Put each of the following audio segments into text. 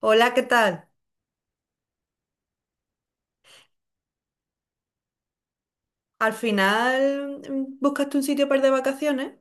Hola, ¿qué tal? Al final buscaste un sitio para ir de vacaciones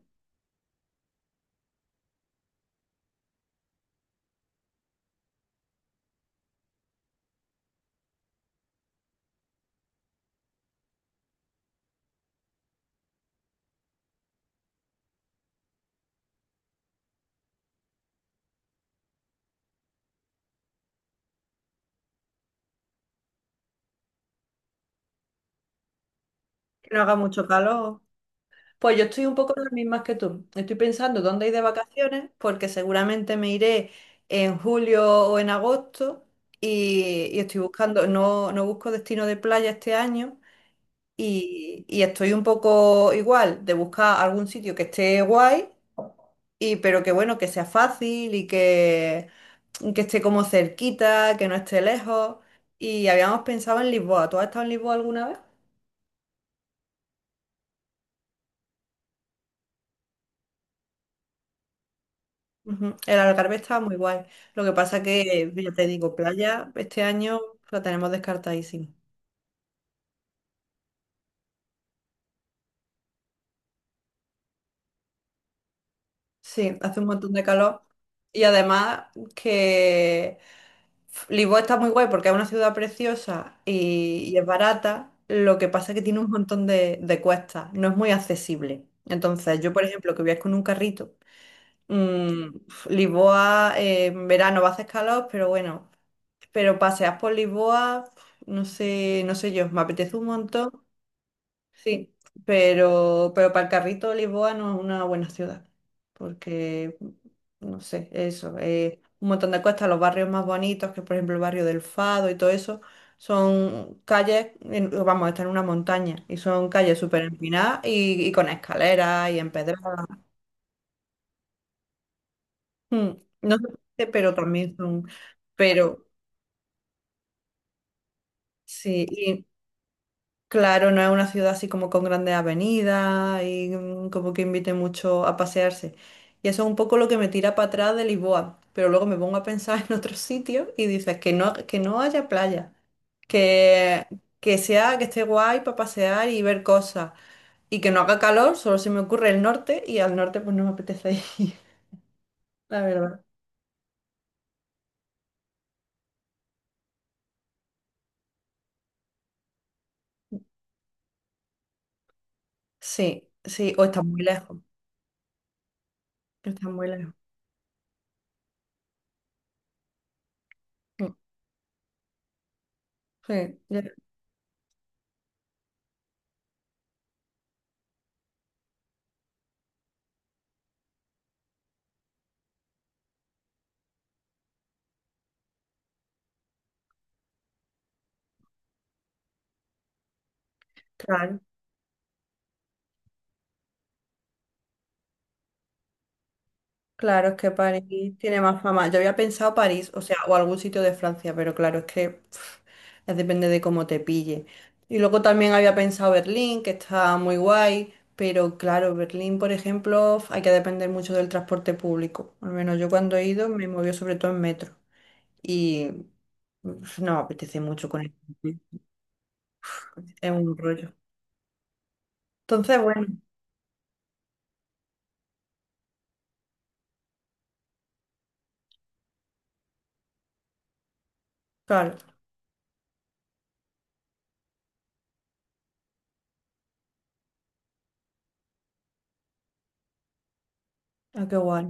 que no haga mucho calor. Pues yo estoy un poco en las mismas que tú. Estoy pensando dónde ir de vacaciones porque seguramente me iré en julio o en agosto y estoy buscando, no busco destino de playa este año y estoy un poco igual de buscar algún sitio que esté guay. Y pero que bueno, que sea fácil que esté como cerquita, que no esté lejos. Y habíamos pensado en Lisboa. ¿Tú has estado en Lisboa alguna vez? Ujú. El Algarve está muy guay. Lo que pasa que, ya te digo, playa este año la tenemos descartadísima. Sí, hace un montón de calor. Y además que Lisboa está muy guay porque es una ciudad preciosa y es barata. Lo que pasa es que tiene un montón de cuestas, no es muy accesible. Entonces, yo, por ejemplo, que viajo con un carrito, mm, Lisboa en verano va a hacer calor, pero bueno, paseas por Lisboa, no sé, no sé yo, me apetece un montón. Sí, pero para el carrito Lisboa no es una buena ciudad, porque, no sé, eso, un montón de cosas, los barrios más bonitos, que por ejemplo el barrio del Fado y todo eso, son vamos, está en una montaña, y son calles súper empinadas y con escaleras y empedradas. Mm, no sé, por qué, pero también son, pero sí, claro, no es una ciudad así como con grandes avenidas y como que invite mucho a pasearse. Y eso es un poco lo que me tira para atrás de Lisboa. Pero luego me pongo a pensar en otros sitios y dices que no haya playa, que, que sea, que esté guay para pasear y ver cosas. Y que no haga calor, solo se me ocurre el norte y al norte pues no me apetece ir, la verdad. Sí, sí, o está muy lejos. Está muy lejos. Mm, sí, ya, claro. Claro, es que París tiene más fama. Yo había pensado París, o sea, o algún sitio de Francia, pero claro, es que pf, es depende de cómo te pille. Y luego también había pensado Berlín, que está muy guay, pero claro, Berlín, por ejemplo, hay que depender mucho del transporte público. Al menos yo cuando he ido me movió sobre todo en metro y pf, no me apetece mucho con el transporte, es un rollo. Entonces, bueno, claro, ah, qué guay.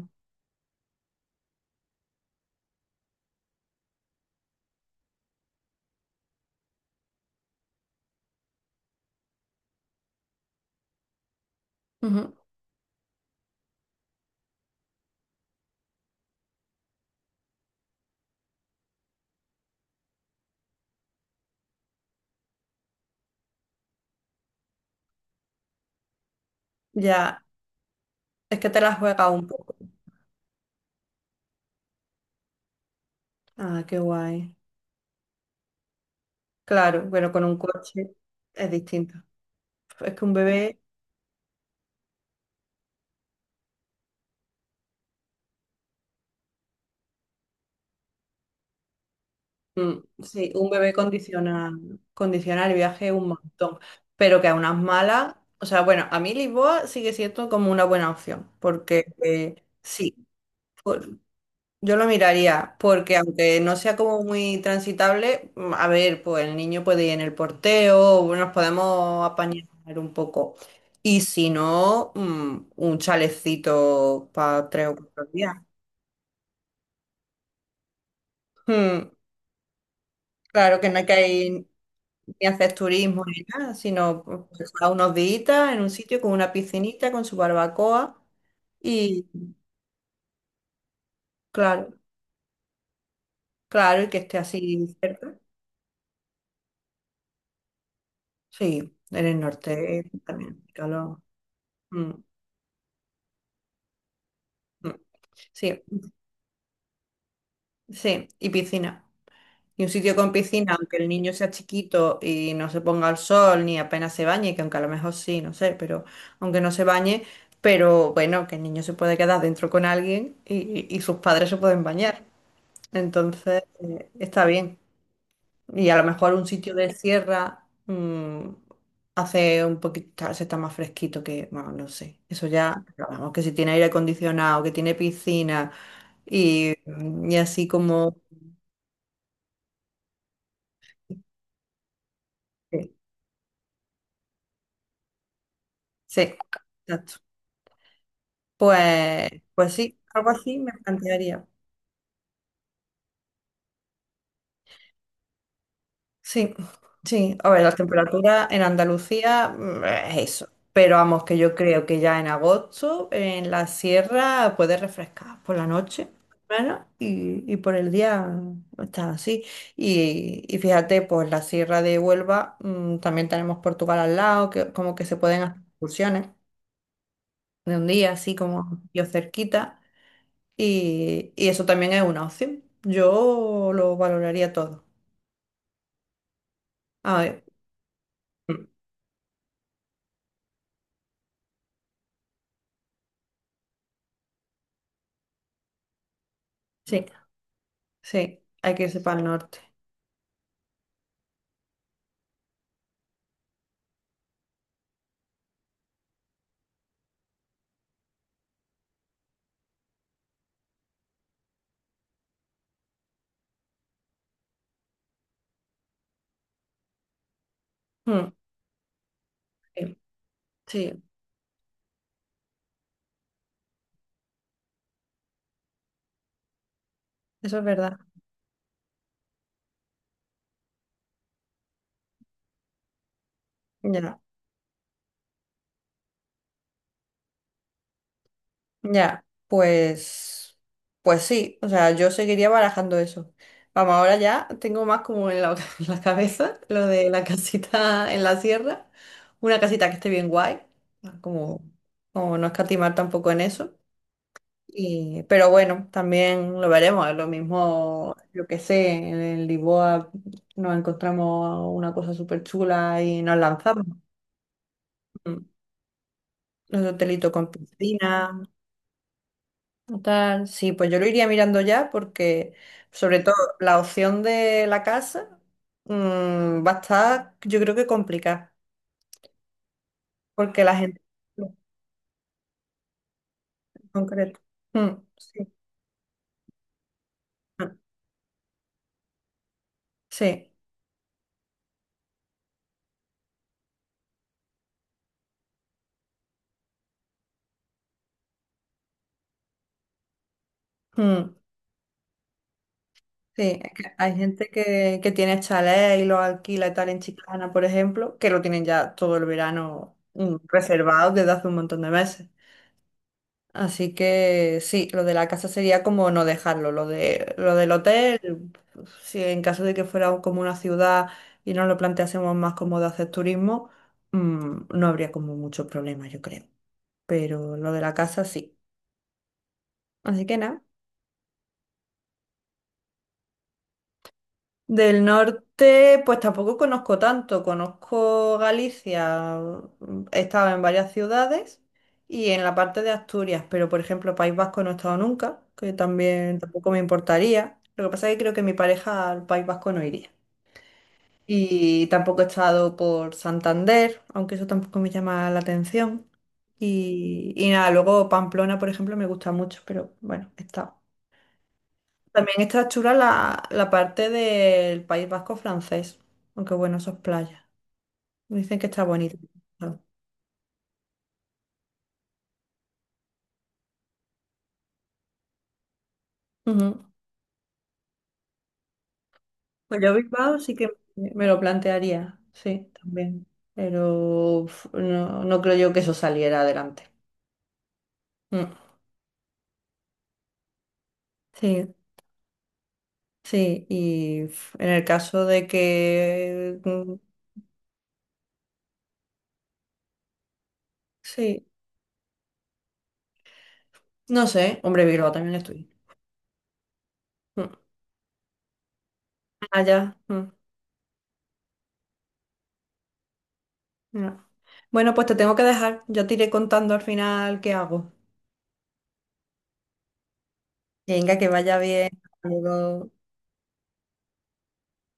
Ujú. Ya, es que te la juegas un poco. Ah, qué guay. Claro, bueno, con un coche es distinto. Es que un bebé, sí, un bebé condiciona, condiciona el viaje un montón, pero que a unas malas, o sea, bueno, a mí Lisboa sigue siendo como una buena opción, porque sí, por- yo lo miraría, porque aunque no sea como muy transitable, a ver, pues el niño puede ir en el porteo, o nos podemos apañar un poco. Y si no, un chalecito para 3 o 4 días. Mm. Claro que no hay que ir ni hacer turismo ni nada, sino pues, pasar unos días en un sitio con una piscinita, con su barbacoa y claro, claro, y que esté así cerca. Sí, en el norte también, hace calor. Mm, mm. Sí, sí, y piscina. Y un sitio con piscina, aunque el niño sea chiquito y no se ponga al sol ni apenas se bañe, que aunque a lo mejor sí, no sé, pero aunque no se bañe, pero bueno, que el niño se puede quedar dentro con alguien y sus padres se pueden bañar. Entonces, está bien. Y a lo mejor un sitio de sierra hace un poquito, se está más fresquito que, bueno, no sé. Eso ya, pero vamos, que si tiene aire acondicionado, que tiene piscina y así como... Sí, sí, exacto. Pues, pues sí, algo así me plantearía. Sí, sí. A ver, las temperaturas en Andalucía es eso. Pero vamos, que yo creo que ya en agosto en la sierra puede refrescar por la noche, bueno, y por el día está así. Y fíjate, pues la sierra de Huelva, también tenemos Portugal al lado, que como que se pueden hacer excursiones de un día, así como yo cerquita. Y eso también es una opción. Yo lo valoraría todo. A ver. Mm, sí. Sí, hay que irse para el norte. Mm, sí, sí, eso es verdad. Ya, ya, pues, pues sí, o sea, yo seguiría barajando eso. Vamos, ahora ya tengo más como en la, en la cabeza lo de la casita en la sierra, una casita que esté bien guay, como, como no escatimar tampoco en eso. Y, pero bueno, también lo veremos, es lo mismo, yo qué sé, en Lisboa nos encontramos una cosa súper chula y nos lanzamos. Hmm. Un hotelito con piscina, o tal. Sí, pues yo lo iría mirando ya porque, sobre todo, la opción de la casa va a estar, yo creo que complicada, porque la gente en concreto. Mm, sí, mm, sí, mm, sí. Es que hay gente que tiene chalés y los alquila y tal en Chiclana, por ejemplo, que lo tienen ya todo el verano reservado desde hace un montón de meses. Así que sí, lo de la casa sería como no dejarlo. Lo del hotel, si en caso de que fuera como una ciudad y nos lo planteásemos más como de hacer turismo, no habría como mucho problema, yo creo. Pero lo de la casa sí. Así que nada. Del norte, pues tampoco conozco tanto. Conozco Galicia, he estado en varias ciudades y en la parte de Asturias, pero por ejemplo, País Vasco no he estado nunca, que también tampoco me importaría. Lo que pasa es que creo que mi pareja al País Vasco no iría. Y tampoco he estado por Santander, aunque eso tampoco me llama la atención. Y nada, luego Pamplona, por ejemplo, me gusta mucho, pero bueno, he estado. También está chula la, la parte del País Vasco francés, aunque bueno, esos playas. Dicen que está bonito. Ujú. Pues yo Bilbao sí que me lo plantearía, sí, también. Pero uf, no, no creo yo que eso saliera adelante. Mm. Sí, sí, y uf, en el caso de que... mm, sí, no sé, hombre, Bilbao también estoy. Mm. Allá. Mm, no. Bueno, pues te tengo que dejar. Yo te iré contando al final qué hago. Venga, que vaya bien. Hasta luego.